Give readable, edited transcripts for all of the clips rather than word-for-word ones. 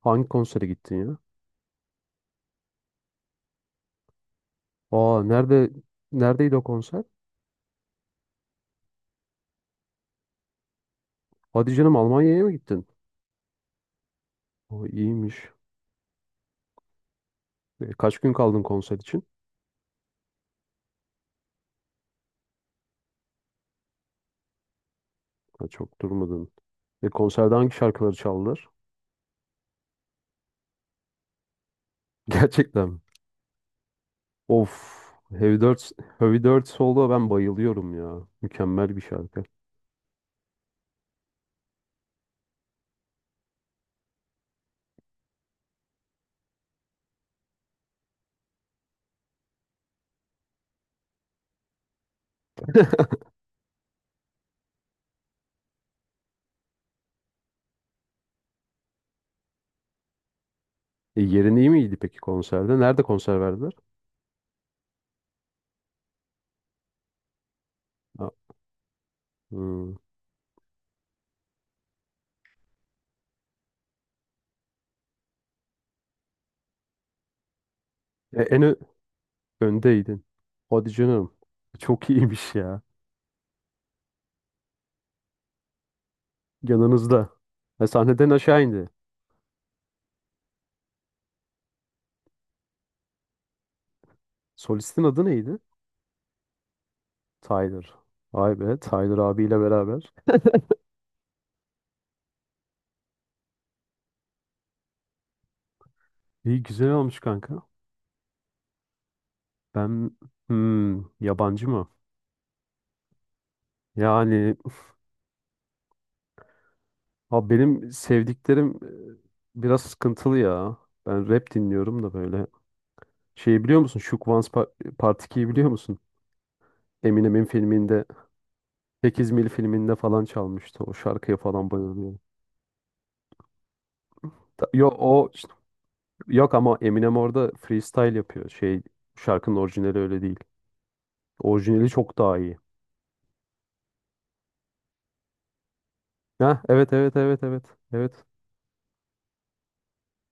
Hangi konsere gittin ya? Aa, neredeydi o konser? Hadi canım, Almanya'ya mı gittin? O iyiymiş. Kaç gün kaldın konser için? Ha, çok durmadın. Konserde hangi şarkıları çaldılar? Gerçekten mi? Of. Heavy Dirt, Heavy Dirt Solo, ben bayılıyorum ya. Mükemmel bir şarkı. Yerin iyi miydi peki konserde? Nerede konser verdiler? Ha, hmm. E, en ö- Öndeydin. Hadi canım. Çok iyiymiş ya. Yanınızda. Sahneden aşağı indi. Solistin adı neydi? Tyler. Vay be, Tyler abiyle beraber. İyi, güzel olmuş kanka. Ben yabancı mı? Yani abi, benim sevdiklerim biraz sıkıntılı ya. Ben rap dinliyorum da böyle. Şeyi biliyor musun? Part 2'yi biliyor musun? Eminem'in filminde 8 Mil filminde falan çalmıştı. O şarkıya falan bayılıyorum. Yok, o yok ama Eminem orada freestyle yapıyor. Şarkının orijinali öyle değil. Orijinali çok daha iyi. Ha, evet, evet, evet, evet. Evet.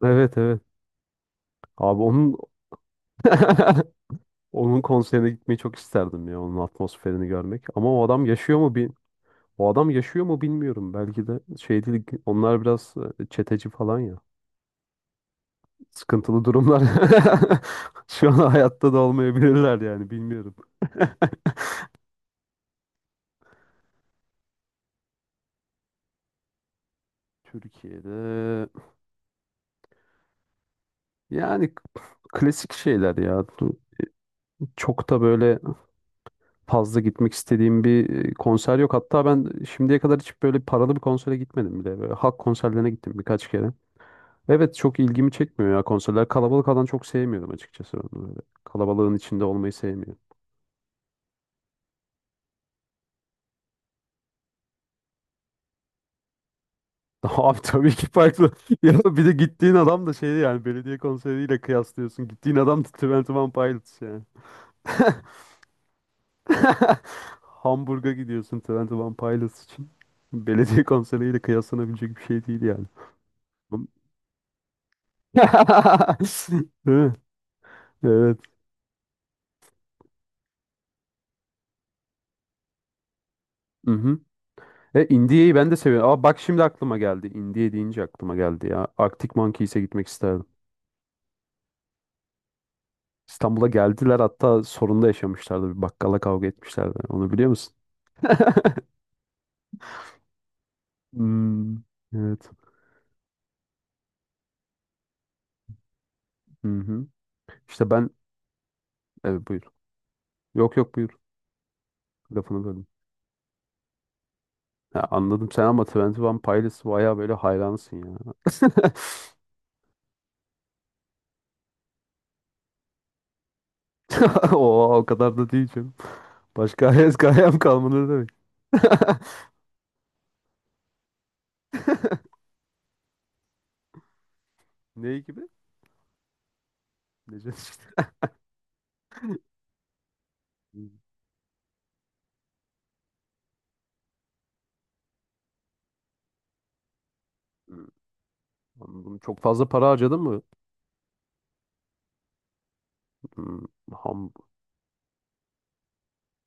Evet, evet. Abi onun onun konserine gitmeyi çok isterdim ya. Onun atmosferini görmek. Ama o adam yaşıyor mu bil, o adam yaşıyor mu bilmiyorum. Belki de şey değil. Onlar biraz çeteci falan ya. Sıkıntılı durumlar. Şu an hayatta da olmayabilirler yani, bilmiyorum. Türkiye'de, yani klasik şeyler ya. Çok da böyle fazla gitmek istediğim bir konser yok. Hatta ben şimdiye kadar hiç böyle paralı bir konsere gitmedim bile. Böyle halk konserlerine gittim birkaç kere. Evet, çok ilgimi çekmiyor ya konserler. Kalabalık alan çok sevmiyorum, açıkçası. Ben böyle kalabalığın içinde olmayı sevmiyorum. Abi, tabii ki farklı. Ya bir de gittiğin adam da şeydi yani, belediye konseriyle kıyaslıyorsun. Gittiğin adam da Twenty One Pilots yani. Hamburg'a gidiyorsun Twenty One Pilots için. Belediye konseriyle kıyaslanabilecek bir şey değil yani. Bu- Değil mi? Evet. Hı hı. India'yı ben de seviyorum. Aa, bak, şimdi aklıma geldi. India deyince aklıma geldi ya. Arctic Monkeys'e gitmek isterdim. İstanbul'a geldiler, hatta sorunda yaşamışlardı. Bir bakkala kavga etmişlerdi. Onu biliyor musun? Hmm, evet. Hı hı. İşte evet, buyur. Yok, yok, buyur. Lafını böldüm. Ya anladım sen, ama Twenty One Pilots bayağı böyle hayranısın ya. Oo, o kadar da değil canım. Başka hikayem kalmadı demek. Neyi gibi? Necdet işte. Anladım. Çok fazla para harcadın mı? Hmm. ham-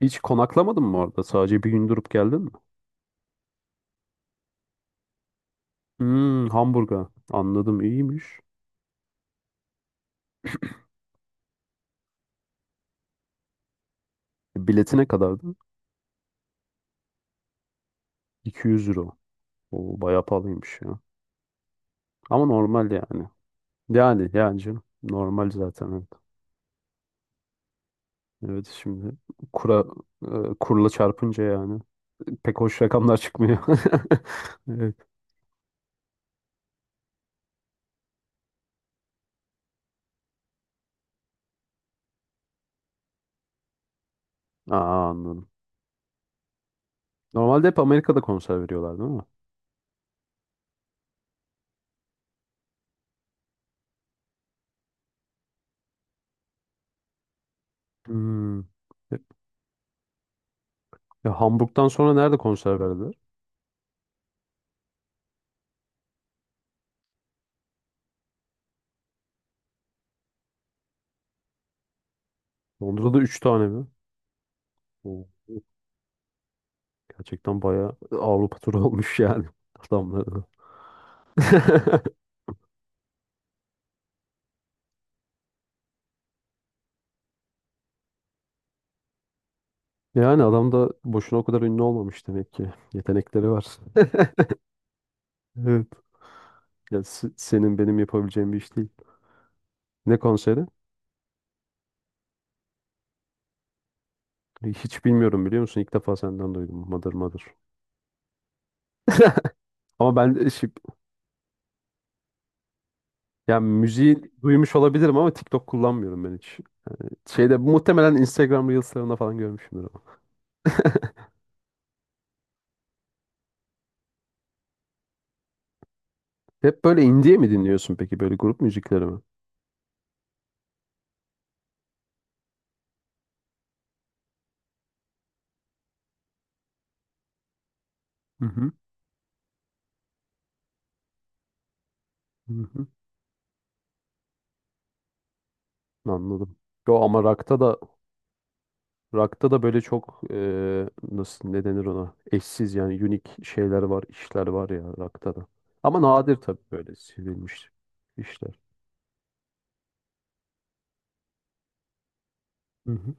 Hiç konaklamadın mı orada? Sadece bir gün durup geldin mi? Hmm, Hamburg'a. Anladım, iyiymiş. Bileti ne kadardı? 200 euro. O bayağı pahalıymış ya. Ama normal yani. Yani, yani canım. Normal zaten. Evet, evet, şimdi kura kurla çarpınca yani pek hoş rakamlar çıkmıyor. Evet. Aa, anladım. Normalde hep Amerika'da konser veriyorlar, değil mi? Hmm. E, Hamburg'dan sonra nerede konser verdi? Londra'da 3 tane mi? Oo, gerçekten bayağı Avrupa turu olmuş yani adamların. Yani adam da boşuna o kadar ünlü olmamış demek ki. Yetenekleri var. Evet. Ya senin benim yapabileceğim bir iş değil. Ne konseri? Hiç bilmiyorum, biliyor musun? İlk defa senden duydum. Mother Mother. Ama ben yani müziği duymuş olabilirim ama TikTok kullanmıyorum ben hiç. Muhtemelen Instagram Reels'larında falan görmüşümdür ama. Hep böyle indie mi dinliyorsun peki? Böyle grup müzikleri mi? Hı hı. Hı hı. Anladım. Yo, ama rock'ta da böyle çok nasıl ne denir ona? Eşsiz, yani unique işler var ya rock'ta da. Ama nadir tabii böyle sevilmiş işler. Hı hı.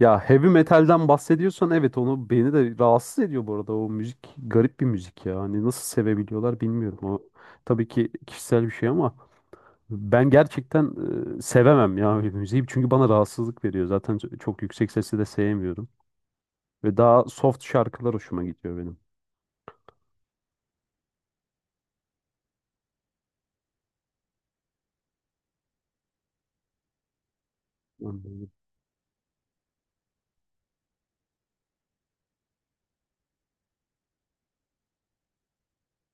Ya heavy metalden bahsediyorsan, evet, onu beni de rahatsız ediyor bu arada, o müzik garip bir müzik ya. Hani nasıl sevebiliyorlar bilmiyorum. O tabii ki kişisel bir şey ama ben gerçekten sevemem ya öyle bir müziği. Çünkü bana rahatsızlık veriyor. Zaten çok yüksek sesi de sevmiyorum. Ve daha soft şarkılar hoşuma gidiyor benim. Anladım.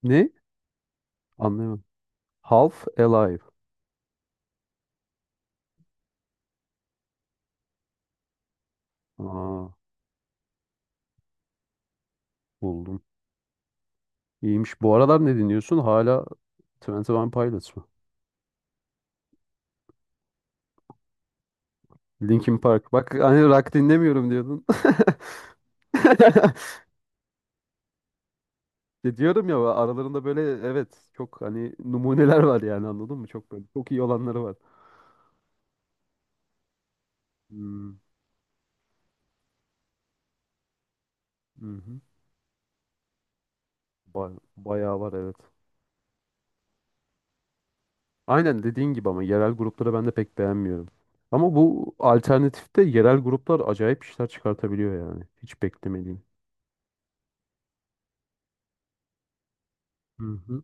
Ne? Anlayamadım. Half Alive. Aa, buldum. İyiymiş. Bu aralar ne dinliyorsun? Hala Twenty One Pilots mı? Linkin Park. Bak, hani rock dinlemiyorum diyordun. Diyorum ya, aralarında böyle, evet, çok hani numuneler var yani, anladın mı? Çok böyle çok iyi olanları var. Hmm, hı hı. Bayağı var, evet. Aynen dediğin gibi, ama yerel grupları ben de pek beğenmiyorum. Ama bu alternatifte yerel gruplar acayip işler çıkartabiliyor yani. Hiç beklemediğim. Hı hı.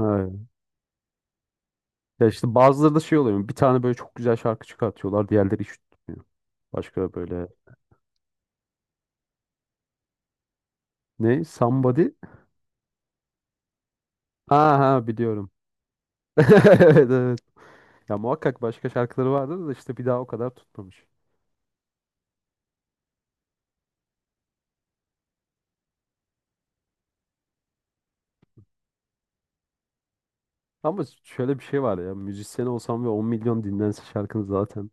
Evet. Ya işte bazıları da şey oluyor. Bir tane böyle çok güzel şarkı çıkartıyorlar. Diğerleri hiç tutmuyor. Başka böyle ne? Somebody? Ha ha, biliyorum. Evet, evet. Ya muhakkak başka şarkıları vardır da işte bir daha o kadar tutmamış. Ama şöyle bir şey var ya. Müzisyen olsam ve 10 milyon dinlense şarkını zaten.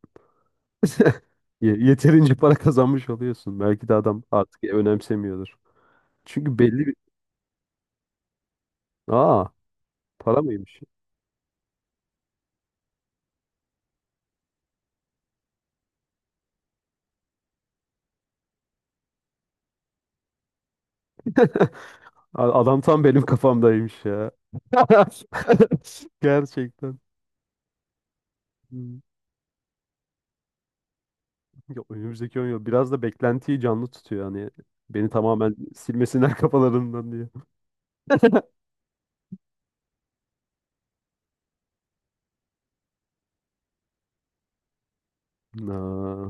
Yeterince para kazanmış oluyorsun. Belki de adam artık önemsemiyordur. Çünkü belli bir... Aa, para mıymış? Adam tam benim kafamdaymış ya. Gerçekten. Hmm. Ya önümüzdeki 10 yıl biraz da beklentiyi canlı tutuyor hani. Beni tamamen silmesinler kafalarından diye. Aa,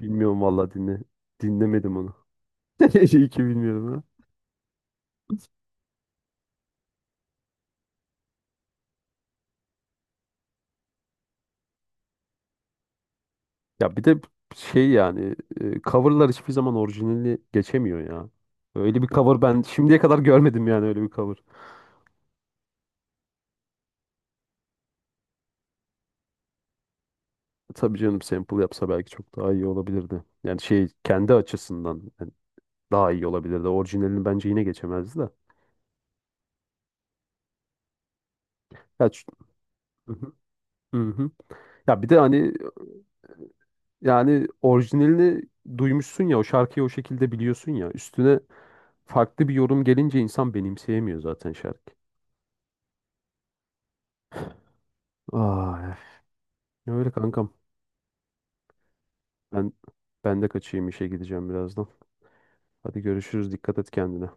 bilmiyorum vallahi, dinle. Dinlemedim onu. İyi ki bilmiyorum. Ya bir de şey yani, coverlar hiçbir zaman orijinali geçemiyor ya. Öyle bir cover ben şimdiye kadar görmedim, yani öyle bir cover. Tabii canım, sample yapsa belki çok daha iyi olabilirdi. Yani kendi açısından yani daha iyi olabilirdi. Orijinalini bence yine geçemezdi de. Ya, hı hı. Hı hı. Ya bir de hani yani orijinalini duymuşsun ya o şarkıyı, o şekilde biliyorsun ya. Üstüne farklı bir yorum gelince insan benimseyemiyor zaten şarkı. Ay, öyle kankam. Ben ben de kaçayım, işe gideceğim birazdan. Hadi görüşürüz. Dikkat et kendine.